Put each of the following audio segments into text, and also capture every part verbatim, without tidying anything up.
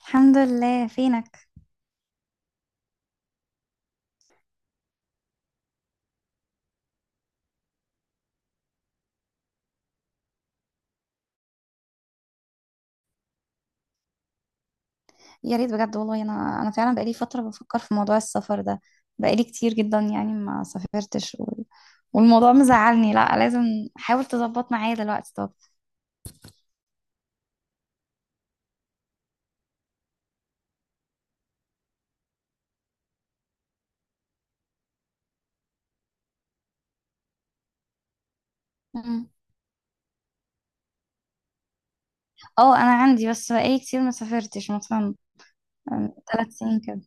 الحمد لله، فينك؟ يا ريت بجد والله، انا انا فعلا بقالي فتره بفكر في موضوع السفر ده. بقالي كتير جدا يعني ما سافرتش و... والموضوع مزعلني. لا لازم حاول تظبط معايا دلوقتي. طب. مم. اه، انا عندي بس بقالي كتير ما سافرتش مثلا ثلاث سنين كده.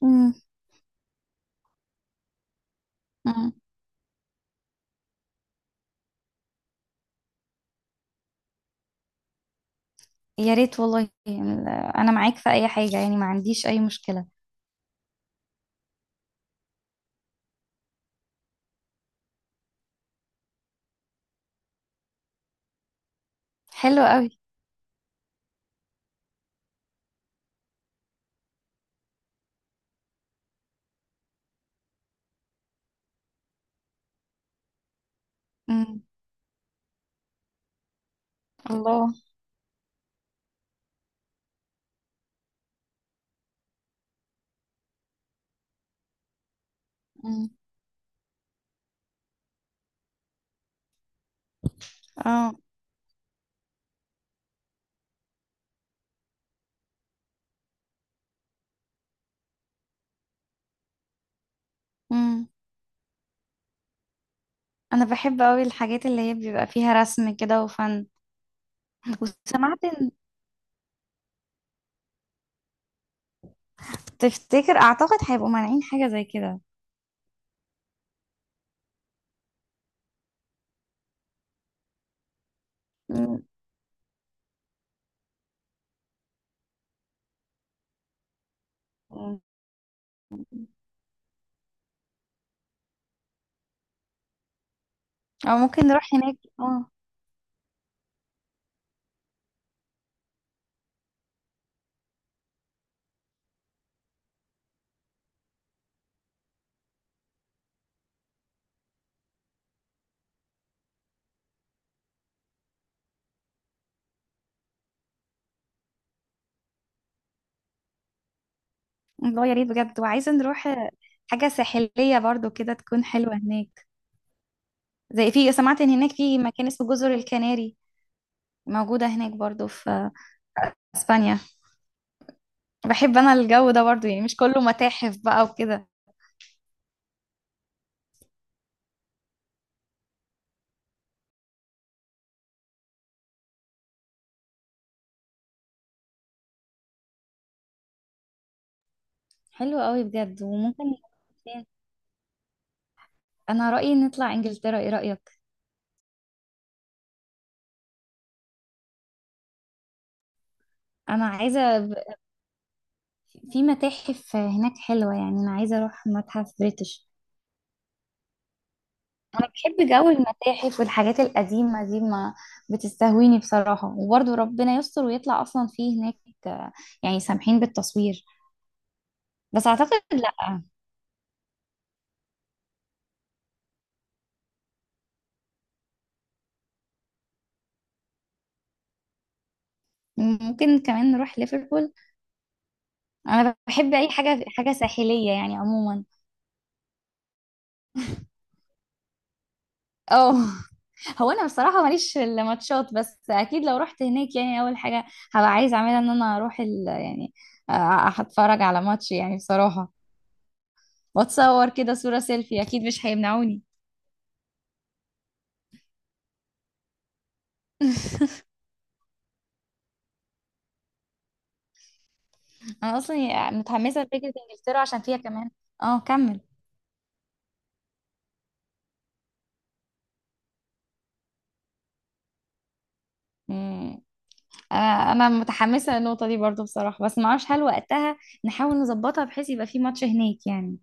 مم. مم. يا ريت والله، ال- انا معاك في اي حاجه، يعني ما عنديش اي مشكله. حلو قوي. مم. الله. مم. اه. مم. انا بحب قوي الحاجات اللي هي بيبقى فيها رسم كده وفن. وسمعت ان تفتكر اعتقد هيبقوا مانعين حاجة زي كده. مم. مم. او ممكن نروح هناك، اه. الله، يا ريت بجد، وعايزة نروح آه، حاجة ساحلية برضو كده تكون حلوة هناك. زي، في، سمعت ان هناك في مكان اسمه جزر الكناري، موجودة هناك برضو في اسبانيا. بحب انا الجو ده برضو، يعني مش كله متاحف بقى وكده. حلو قوي بجد. وممكن، انا رأيي نطلع انجلترا، ايه رأيك؟ انا عايزة ب- في متاحف هناك حلوة، يعني انا عايزة اروح متحف بريتش. انا بحب جو المتاحف والحاجات القديمه دي، ما بتستهويني بصراحه. وبرضو ربنا يستر ويطلع اصلا فيه هناك، آه، يعني سامحين بالتصوير. بس اعتقد لا. ممكن كمان نروح ليفربول. انا بحب اي حاجه حاجه ساحليه يعني عموما. اه. هو انا بصراحه ماليش في الماتشات، بس اكيد لو رحت هناك يعني اول حاجه هبقى عايزه اعملها ان انا اروح ال... يعني آه، اتفرج على ماتش يعني بصراحه. واتصور كده صوره سيلفي اكيد مش هيمنعوني. انا اصلا متحمسه لفكره انجلترا عشان فيها كمان. اه، كمل. مم. انا انا متحمسه للنقطه دي برضو بصراحه، بس ما اعرفش هل وقتها نحاول نظبطها بحيث يبقى في ماتش هناك يعني،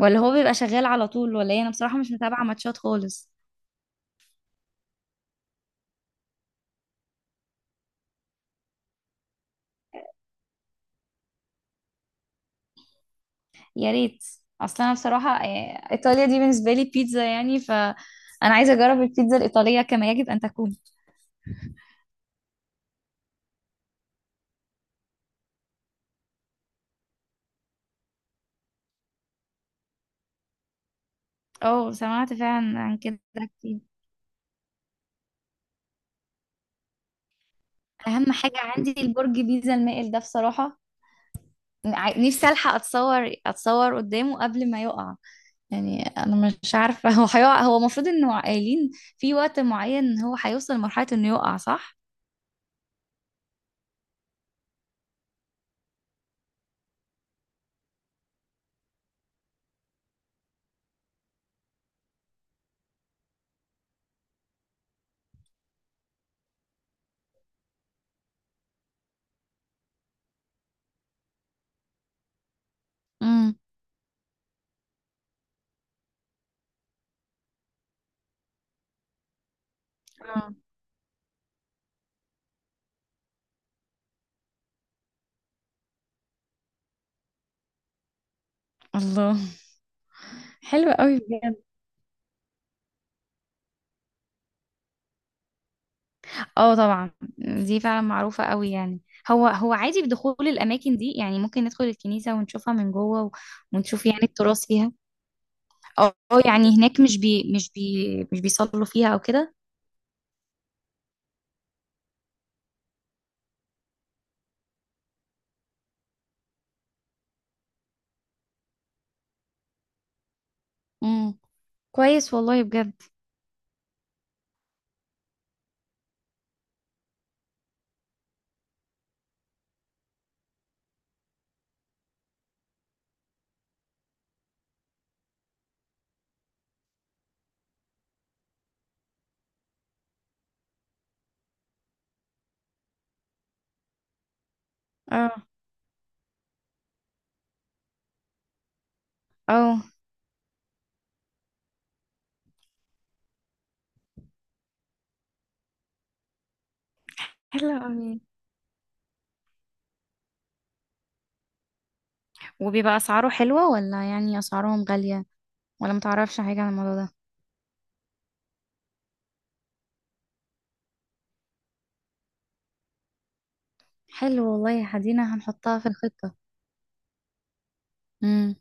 ولا هو بيبقى شغال على طول ولا ايه. انا بصراحه مش متابعه ماتشات خالص. يا ريت. اصلا انا بصراحه، آه، ايطاليا دي بالنسبه لي بيتزا، يعني ف انا عايزه اجرب البيتزا الايطاليه كما يجب ان تكون. اه، سمعت فعلا عن كده. كتير. اهم حاجه عندي البرج بيتزا المائل ده بصراحه. ع- نفسي الحق اتصور اتصور قدامه قبل ما يقع. يعني انا مش عارفه. هو هيقع؟ هو المفروض انه، قايلين في وقت معين هو هيوصل لمرحله انه يقع، صح؟ امم. آه. الله. حلوة قوي بجد. اه طبعا. دي فعلا معروفة قوي يعني. هو هو عادي بدخول الأماكن دي، يعني ممكن ندخل الكنيسة ونشوفها من جوه و- ونشوف يعني التراث فيها. اه، آه، يعني هناك مش بي مش بي مش بيصلوا فيها أو كده. امم. كويس والله بجد. اه. اه. حلو قوي. وبيبقى اسعاره حلوة ولا يعني اسعارهم غالية؟ ولا متعرفش حاجة عن الموضوع ده. حلو والله يا حدينا، هنحطها في الخطة. امم.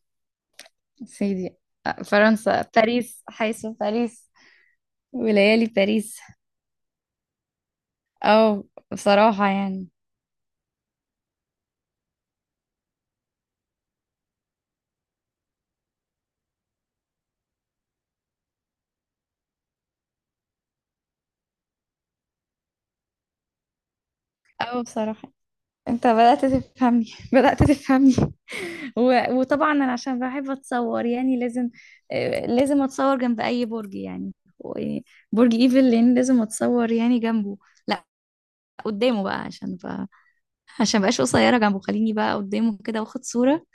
سيدي. آه، فرنسا، باريس، حيث باريس. وليالي باريس. او بصراحة يعني. او بصراحة، انت بدأت تفهمني. بدأت تفهمني. و... وطبعا انا عشان بحب اتصور يعني لازم آه، لازم اتصور جنب اي برج يعني، و- برج ايفل، لان لازم اتصور يعني جنبه. لا، قدامه بقى، عشان بقى عشان مبقاش قصيره جنبه، خليني بقى قدامه كده واخد صوره.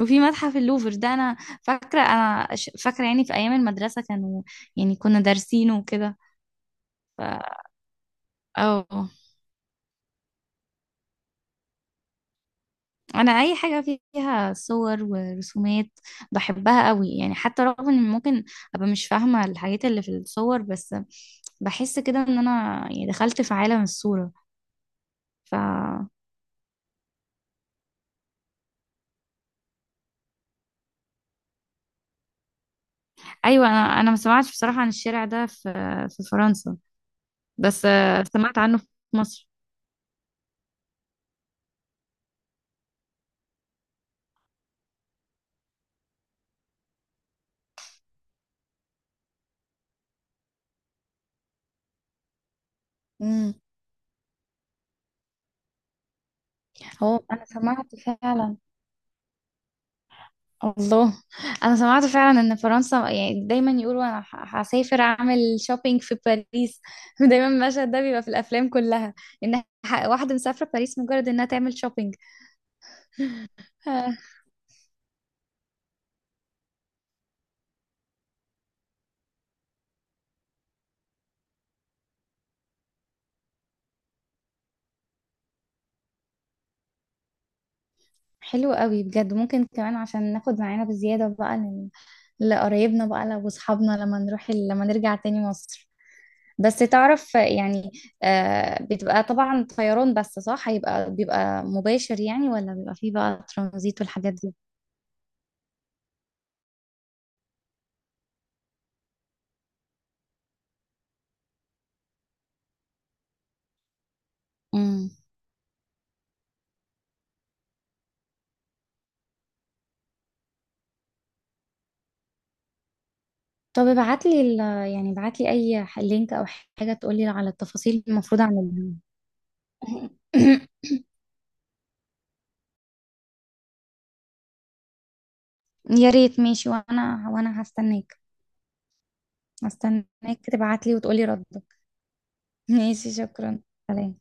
وفي متحف اللوفر ده، انا فاكره انا ش- فاكره يعني في ايام المدرسه كانوا، يعني كنا دارسينه وكده. ف اه. انا اي حاجه فيها صور ورسومات بحبها قوي يعني، حتى رغم ان ممكن ابقى مش فاهمه الحاجات اللي في الصور، بس بحس كده ان انا يعني دخلت في عالم الصوره. ف ايوه، انا انا ما سمعتش بصراحه عن الشارع ده في في فرنسا. بس آه، سمعت عنه في مصر. هو انا سمعت فعلا. الله. انا سمعت فعلا ان فرنسا، يعني دايما يقولوا انا ه- هسافر اعمل شوبينج في باريس. دايما المشهد ده بيبقى في الافلام كلها، ان ح- واحده مسافره باريس مجرد انها تعمل شوبينج. آه، حلو قوي بجد. ممكن كمان عشان ناخد معانا بزياده بقى ل- لقرايبنا بقى لو اصحابنا، لما نروح ال- لما نرجع تاني مصر. بس تعرف يعني. آه، بتبقى طبعا طيران، بس صح هيبقى بيبقى مباشر يعني، ولا بيبقى فيه بقى ترانزيت والحاجات دي؟ امم. طب ابعت لي ال... يعني ابعت لي اي ح- لينك او حاجه تقول لي على التفاصيل المفروض اعملها. يا ريت ماشي، وانا وانا هستناك. هستناك تبعت لي وتقولي ردك. ماشي، شكرا. سلام.